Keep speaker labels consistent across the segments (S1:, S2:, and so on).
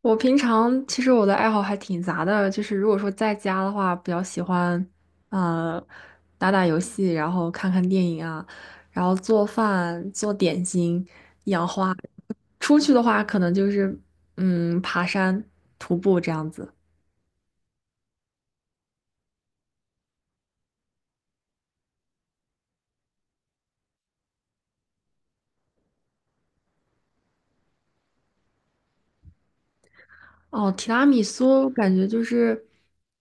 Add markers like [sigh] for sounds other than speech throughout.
S1: 我平常其实我的爱好还挺杂的，就是如果说在家的话，比较喜欢，呃，打打游戏，然后看看电影啊，然后做饭、做点心、养花。出去的话，可能就是嗯，爬山、徒步这样子。哦，提拉米苏感觉就是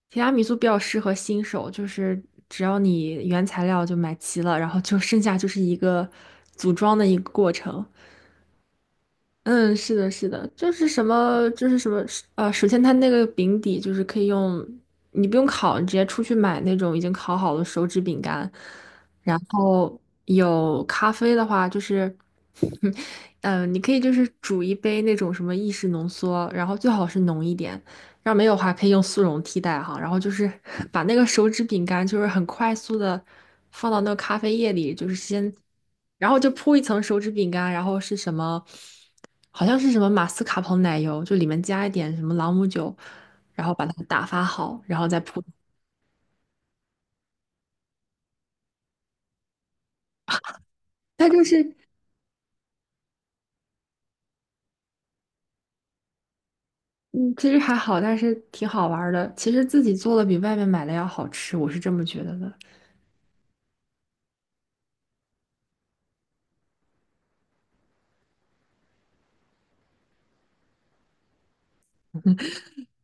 S1: 提拉米苏比较适合新手，就是只要你原材料就买齐了，然后就剩下就是一个组装的一个过程。嗯，是的，是的，就是什么，首先它那个饼底就是可以用，你不用烤，你直接出去买那种已经烤好的手指饼干。然后有咖啡的话，就是，[laughs] 嗯、你可以就是煮一杯那种什么意式浓缩，然后最好是浓一点。要没有的话，可以用速溶替代哈。然后就是 [laughs] 把那个手指饼干，就是很快速的放到那个咖啡液里，就是先，然后就铺一层手指饼干，然后是什么？好像是什么马斯卡彭奶油，就里面加一点什么朗姆酒，然后把它打发好，然后再铺。它就是，嗯，其实还好，但是挺好玩儿的。其实自己做的比外面买的要好吃，我是这么觉得的。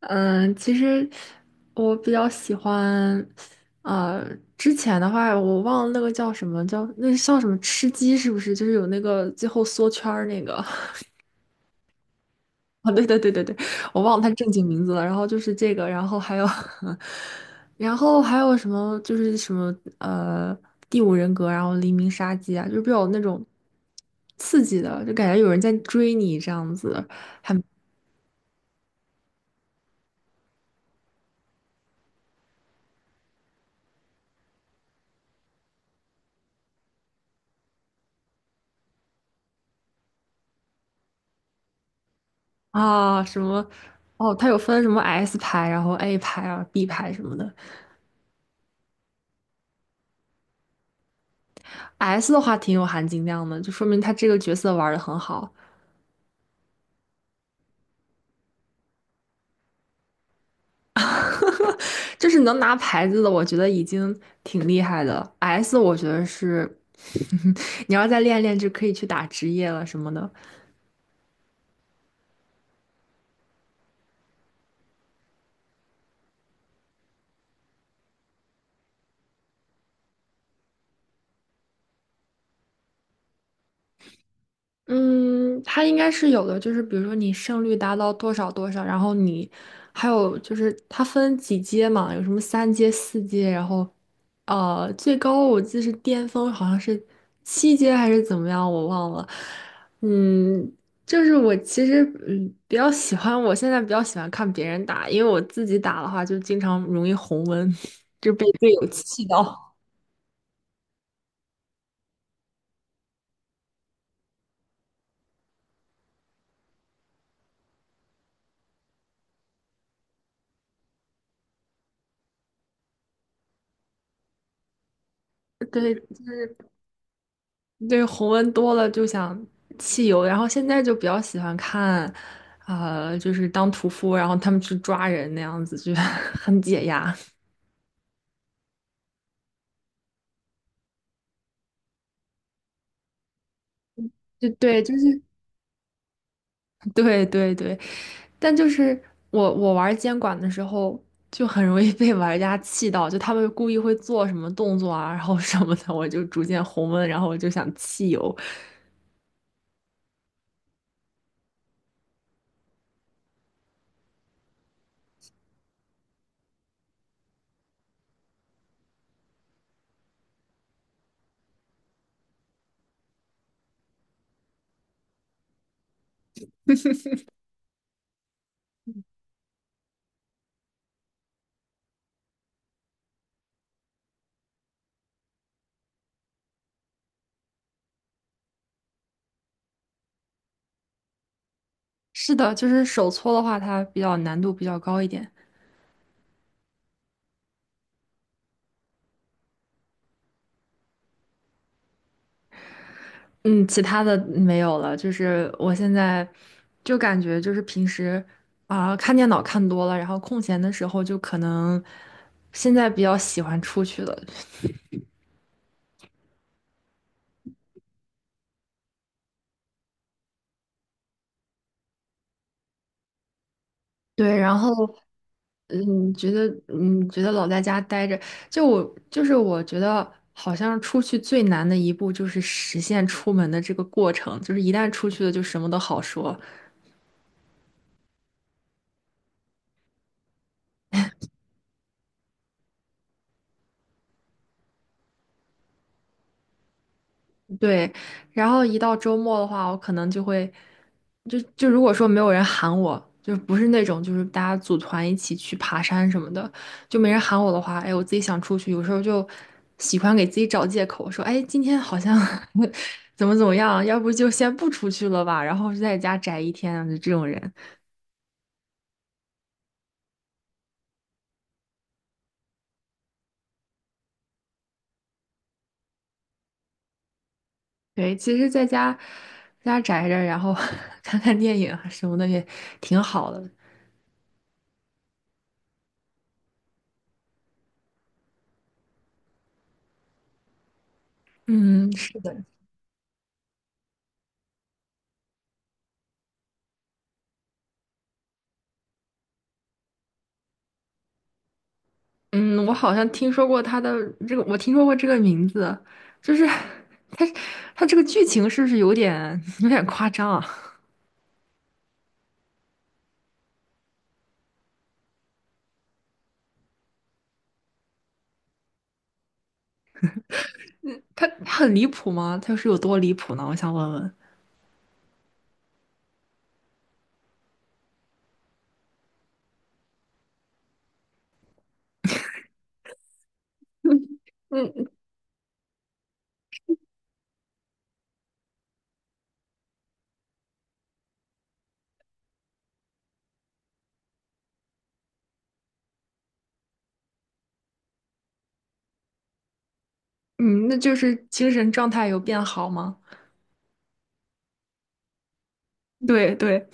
S1: 嗯，其实我比较喜欢，呃，之前的话我忘了那个叫什么，叫那叫什么吃鸡是不是？就是有那个最后缩圈儿那个。[laughs] 哦，对对对对对，我忘了他正经名字了。然后就是这个，然后还有，[laughs] 然后还有什么，就是什么，第五人格，然后黎明杀机啊，就是比较那种刺激的，就感觉有人在追你这样子啊，什么哦，他有分什么 S 牌，然后 A 牌啊，B 牌什么的。S 的话挺有含金量的，就说明他这个角色玩的很好。[laughs] 就是能拿牌子的，我觉得已经挺厉害的。S，我觉得是，[laughs] 你要再练练，就可以去打职业了什么的。嗯，它应该是有的，就是比如说你胜率达到多少多少，然后你还有就是它分几阶嘛，有什么三阶、四阶，然后最高我记得是巅峰好像是七阶还是怎么样，我忘了。嗯，就是我其实嗯比较喜欢，我现在比较喜欢看别人打，因为我自己打的话就经常容易红温，[laughs] 就被队友气到。[laughs] 对。对，红温多了就想汽油，然后现在就比较喜欢看，就是当屠夫，然后他们去抓人那样子，就 [laughs] 很解压。就对，就是对对对，但就是我玩监管的时候，就很容易被玩家气到，就他们故意会做什么动作啊，然后什么的，我就逐渐红温，然后我就想弃游。是的，就是手搓的话，它比较难度比较高一点。嗯，其他的没有了，就是我现在就感觉就是平时啊、看电脑看多了，然后空闲的时候就可能现在比较喜欢出去了，对，然后觉得老在家待着，就我就是我觉得好像出去最难的一步就是实现出门的这个过程，就是一旦出去了就什么都好说。对，然后一到周末的话，我可能就会，就如果说没有人喊我，就不是那种就是大家组团一起去爬山什么的，就没人喊我的话，哎，我自己想出去，有时候就喜欢给自己找借口，说，哎，今天好像 [laughs] 怎么怎么样，要不就先不出去了吧，然后就在家宅一天，就这种人。对，其实在家宅着，然后 [laughs] 看看电影啊什么的也挺好的。嗯，是的。嗯，我好像听说过他的这个，我听说过这个名字，就是他他这个剧情是不是有点夸张啊？[laughs] 他很离谱吗？他是有多离谱呢？我想问问。嗯嗯，那就是精神状态有变好吗？对对，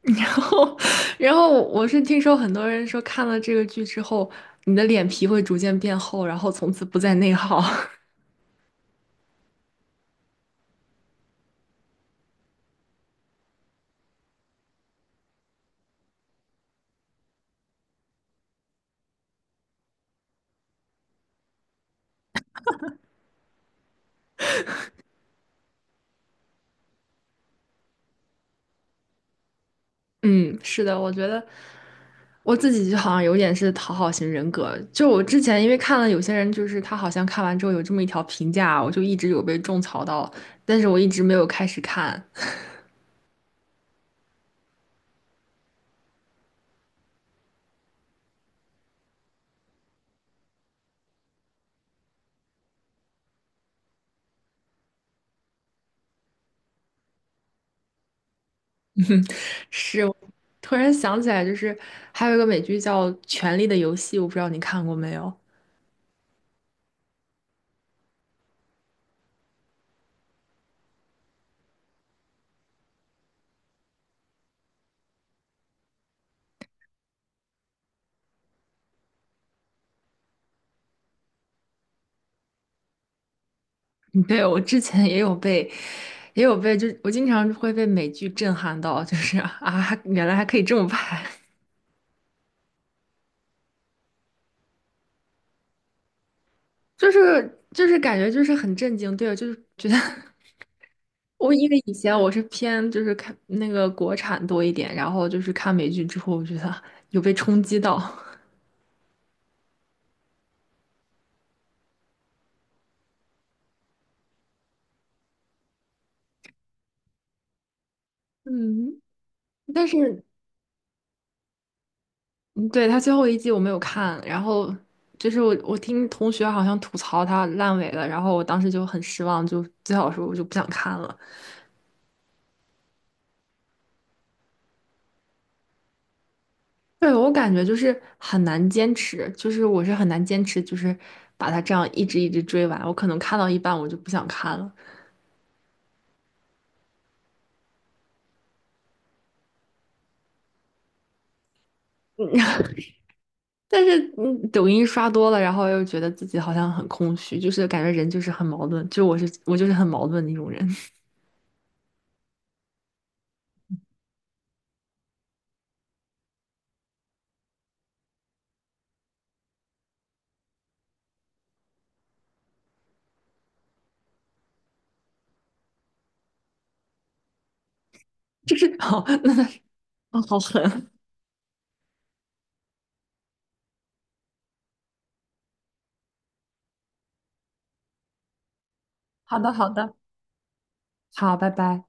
S1: [laughs] 然后我是听说很多人说看了这个剧之后，你的脸皮会逐渐变厚，然后从此不再内耗。[laughs] 嗯，是的，我觉得。我自己就好像有点是讨好型人格，就我之前因为看了有些人，就是他好像看完之后有这么一条评价，我就一直有被种草到，但是我一直没有开始看。[laughs] 是，我突然想起来，就是还有一个美剧叫《权力的游戏》，我不知道你看过没有？[laughs] 对，我之前也有被，也有被，就我经常会被美剧震撼到，就是啊，原来还可以这么拍，[laughs] 就是感觉就是很震惊，对，就是觉得。我因为以前我是偏就是看那个国产多一点，然后就是看美剧之后，我觉得 [laughs] 有被冲击到。[laughs] 嗯，但是嗯对他最后一季我没有看，然后就是我听同学好像吐槽他烂尾了，然后我当时就很失望，就最好说我就不想看了。对，我感觉就是很难坚持，就是我是很难坚持，就是把它这样一直追完，我可能看到一半我就不想看了。但是，嗯，抖音刷多了，然后又觉得自己好像很空虚，就是感觉人就是很矛盾，就我是我就是很矛盾的一种人，[laughs] 就是好，[laughs] 那哦，好狠，好的，好的，好，拜拜。